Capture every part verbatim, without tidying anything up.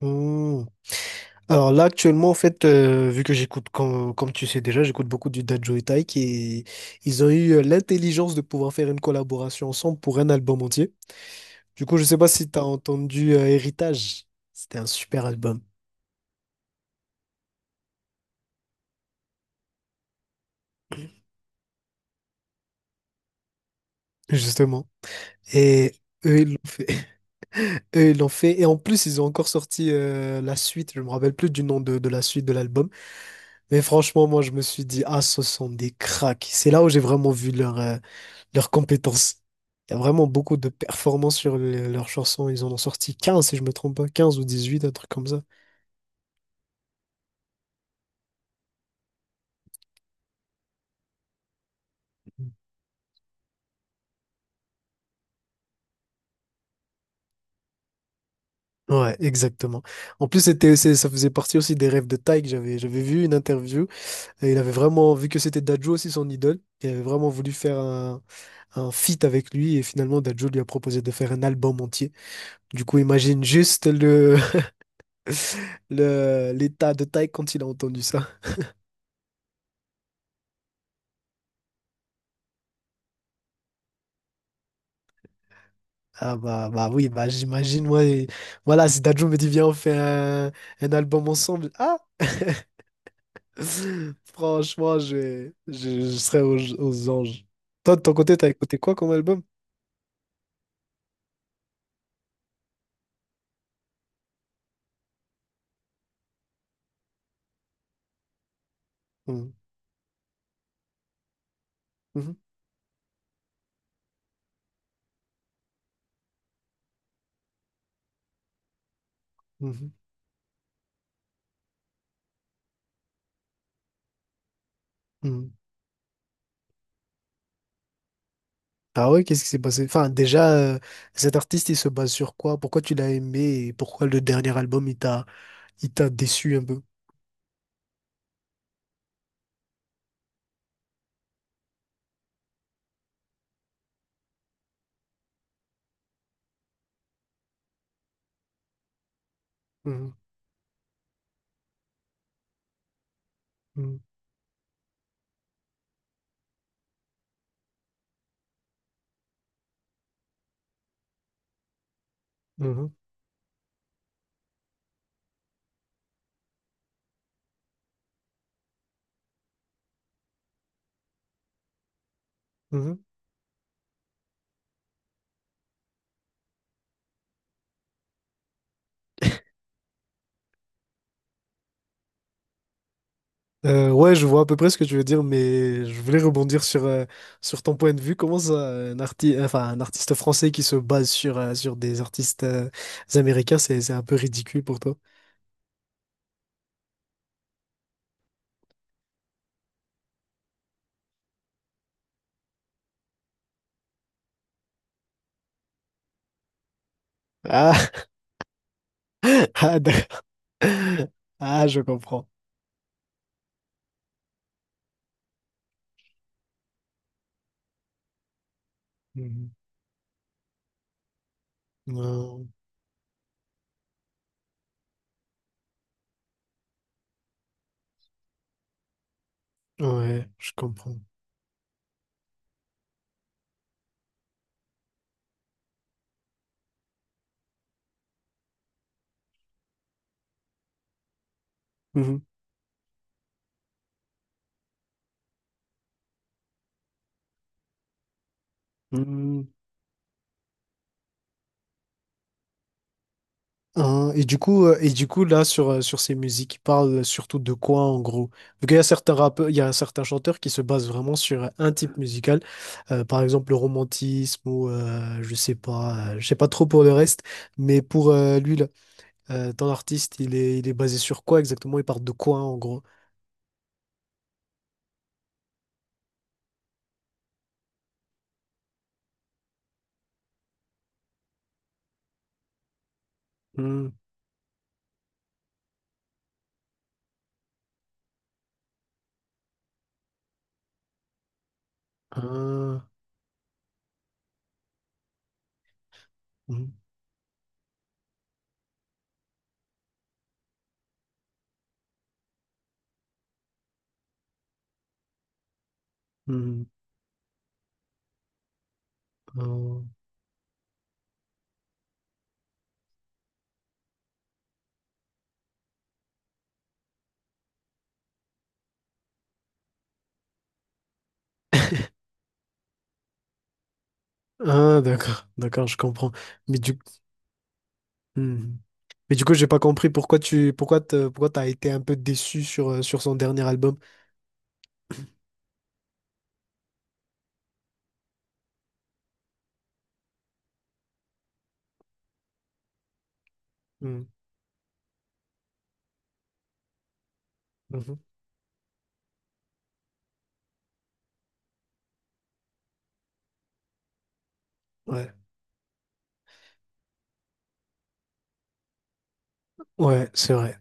Hmm. Alors là, actuellement, en fait, euh, vu que j'écoute, comme, comme tu sais déjà, j'écoute beaucoup du Dadju et Taïk et ils ont eu euh, l'intelligence de pouvoir faire une collaboration ensemble pour un album entier. Du coup, je sais pas si tu as entendu euh, Héritage. C'était un super album, justement. Et eux, ils l'ont fait. Eux, ils l'ont fait. Et en plus, ils ont encore sorti euh, la suite. Je me rappelle plus du nom de, de la suite de l'album. Mais franchement, moi, je me suis dit, ah, ce sont des cracks. C'est là où j'ai vraiment vu leur, euh, leurs compétences. Il y a vraiment beaucoup de performances sur le- leurs chansons. Ils en ont sorti quinze si je me trompe pas, quinze ou dix-huit un truc comme ça. Ouais, exactement. En plus, c'était, c'est- ça faisait partie aussi des rêves de Tyke. J'avais, j'avais vu une interview et il avait vraiment, vu que c'était Dadju aussi son idole, il avait vraiment voulu faire un, un feat avec lui et finalement Dadju lui a proposé de faire un album entier. Du coup, imagine juste le, le, l'état de Tyke quand il a entendu ça. Ah bah, bah oui, bah j'imagine, moi, et- voilà, si Dadju me dit, viens, on fait un, un album ensemble, ah, franchement, je, vais- je, je serais aux, aux anges. Toi, de ton côté, t'as écouté quoi comme album? Mhm. mhm, mhm, mhm. Ah ouais, qu'est-ce qui s'est passé? Enfin, déjà, euh, cet artiste, il se base sur quoi? Pourquoi tu l'as aimé et pourquoi le dernier album, il t'a, il t'a déçu un peu? Mhm, mhm, mhm, mhm. Euh, ouais, je vois à peu près ce que tu veux dire, mais je voulais rebondir sur, euh, sur ton point de vue. Comment ça, un arti- enfin, un artiste français qui se base sur, euh, sur des artistes euh, américains, c'est, c'est un peu ridicule pour toi. Ah, ah, d'accord. Ah, je comprends. Mhm. Euh, ouais, je comprends. Mhm. Hein, et du coup, euh, et du coup, là, sur, euh, sur ces musiques, ils parlent surtout de quoi, en gros? Vu qu'il y a certains rappeurs, il y a certains chanteurs qui se basent vraiment sur euh, un type musical, euh, par exemple le romantisme ou euh, je sais pas, euh, je sais pas trop pour le reste, mais pour euh, lui, là, euh, ton artiste, il est, il est basé sur quoi exactement? Il parle de quoi, en gros? Hmm. hein, hmm, hmm, hein. Ah, d'accord, d'accord, je comprends. Mais du Mhm. Mais du coup, j'ai pas compris pourquoi tu pourquoi te- pourquoi t'as été un peu déçu sur, euh, sur son dernier album. Mhm. Mhm. Ouais, ouais, c'est vrai.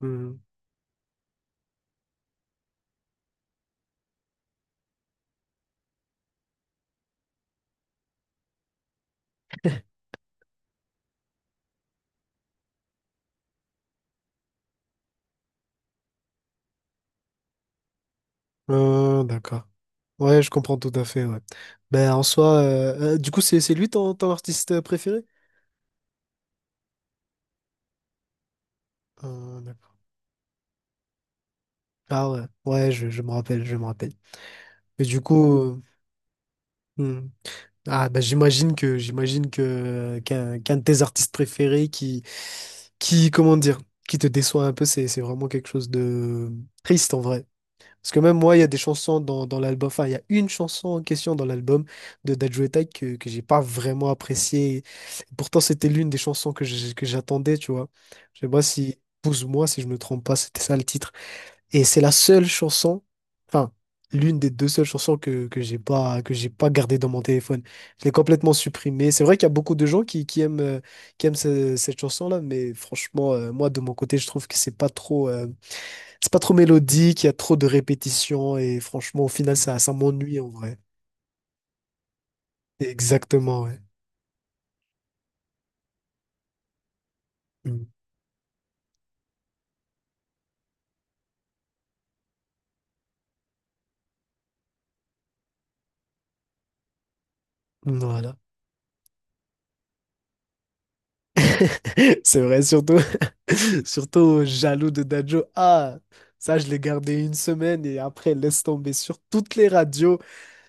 Mhm. Euh, d'accord. Ouais, je comprends tout à fait, ouais. Ben en soi, euh, euh, du coup, c'est c'est lui ton, ton artiste euh, préféré? Euh, d'accord. Ah ouais, ouais, je, je me rappelle, je me rappelle. Mais du coup, euh, Ah bah j'imagine que j'imagine que qu'un qu'un de tes artistes préférés qui qui comment dire qui te déçoit un peu c'est c'est vraiment quelque chose de triste en vrai parce que même moi il y a des chansons dans, dans l'album enfin il y a une chanson en question dans l'album de Dajuetai que que j'ai pas vraiment appréciée pourtant c'était l'une des chansons que j'ai- que j'attendais tu vois je sais pas si Pousse-moi si je me trompe pas c'était ça le titre et c'est la seule chanson, enfin, l'une des deux seules chansons que, que j'ai pas, que j'ai pas gardée dans mon téléphone. Je l'ai complètement supprimée. C'est vrai qu'il y a beaucoup de gens qui, qui aiment, euh, qui aiment ce- cette chanson-là, mais franchement, euh, moi, de mon côté, je trouve que c'est pas trop, euh, c'est pas trop mélodique, il y a trop de répétitions, et franchement, au final, ça, ça m'ennuie en vrai. Exactement, ouais. Mm. Voilà. C'est vrai, surtout, surtout jaloux de Dadjo. Ah, ça, je l'ai gardé une semaine et après, laisse tomber sur toutes les radios.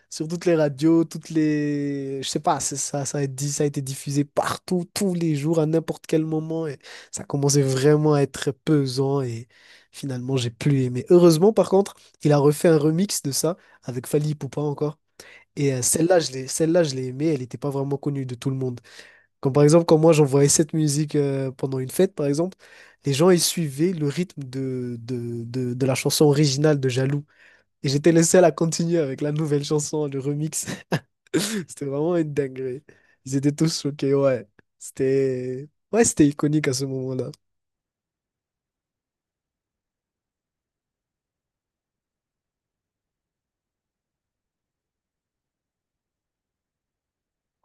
sur toutes les radios, toutes les... Je sais pas, c'est ça, ça a été, ça a été diffusé partout, tous les jours, à n'importe quel moment. Et ça commençait vraiment à être pesant et finalement, j'ai plus aimé. Heureusement, par contre, il a refait un remix de ça avec Fally Poupa encore. Et euh, celle-là, je l'ai, celle-là, je l'ai aimée, elle n'était pas vraiment connue de tout le monde. Comme par exemple, quand moi, j'envoyais cette musique euh, pendant une fête, par exemple, les gens, ils suivaient le rythme de, de, de, de la chanson originale de Jaloux. Et j'étais le seul à continuer avec la nouvelle chanson, le remix. C'était vraiment une dinguerie. Ils étaient tous choqués, ouais. C'était... Ouais, c'était iconique à ce moment-là.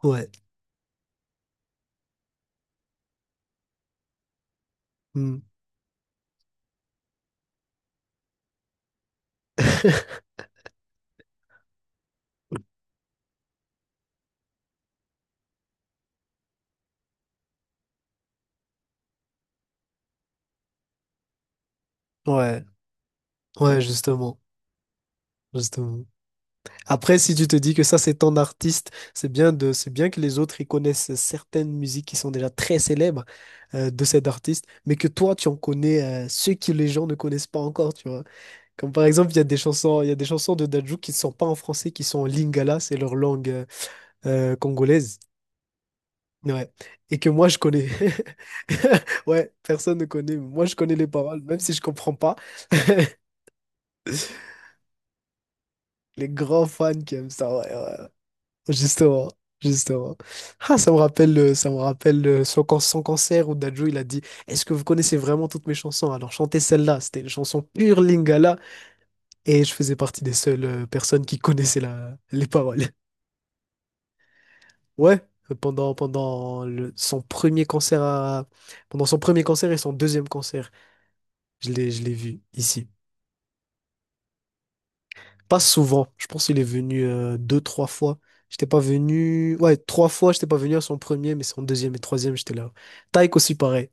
Ouais. Hmm. Ouais, ouais, justement, justement. Après, si tu te dis que ça, c'est ton artiste, c'est bien de, c'est bien que les autres, ils connaissent certaines musiques qui sont déjà très célèbres euh, de cet artiste, mais que toi, tu en connais euh, ceux que les gens ne connaissent pas encore, tu vois. Comme par exemple, il y a des chansons, il y a des chansons de Dadju qui ne sont pas en français, qui sont en lingala, c'est leur langue euh, euh, congolaise. Ouais. Et que moi, je connais. Ouais, personne ne connaît. Mais moi, je connais les paroles, même si je comprends pas. Les grands fans qui aiment ça, ouais, ouais, ouais. Justement, justement. Ah, ça me rappelle, euh, ça me rappelle euh, son, can- son cancer où Dadju, il a dit, est-ce que vous connaissez vraiment toutes mes chansons? Alors, chantez celle-là. C'était une chanson pure Lingala. Et je faisais partie des seules euh, personnes qui connaissaient la, les paroles. Ouais. Pendant, pendant le- son premier concert à- pendant son premier concert et son deuxième concert. Je l'ai, je l'ai vu ici. Pas souvent. Je pense qu'il est venu euh, deux, trois fois. J'étais pas venu. Ouais, trois fois, j'étais pas venu à son premier, mais son deuxième et troisième, j'étais là. Taïk aussi, pareil.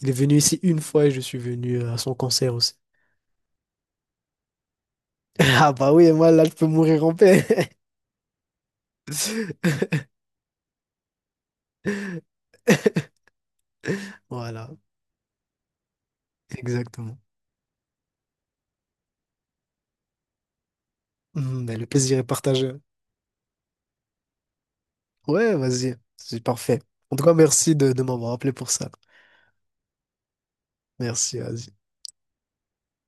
Il est venu ici une fois et je suis venu euh, à son concert aussi. Ah bah oui, et moi là, je peux mourir en paix. Voilà, exactement. Mm, mais le plaisir est partagé. Ouais, vas-y. C'est parfait. En tout cas, merci de, de m'avoir appelé pour ça. Merci, vas-y.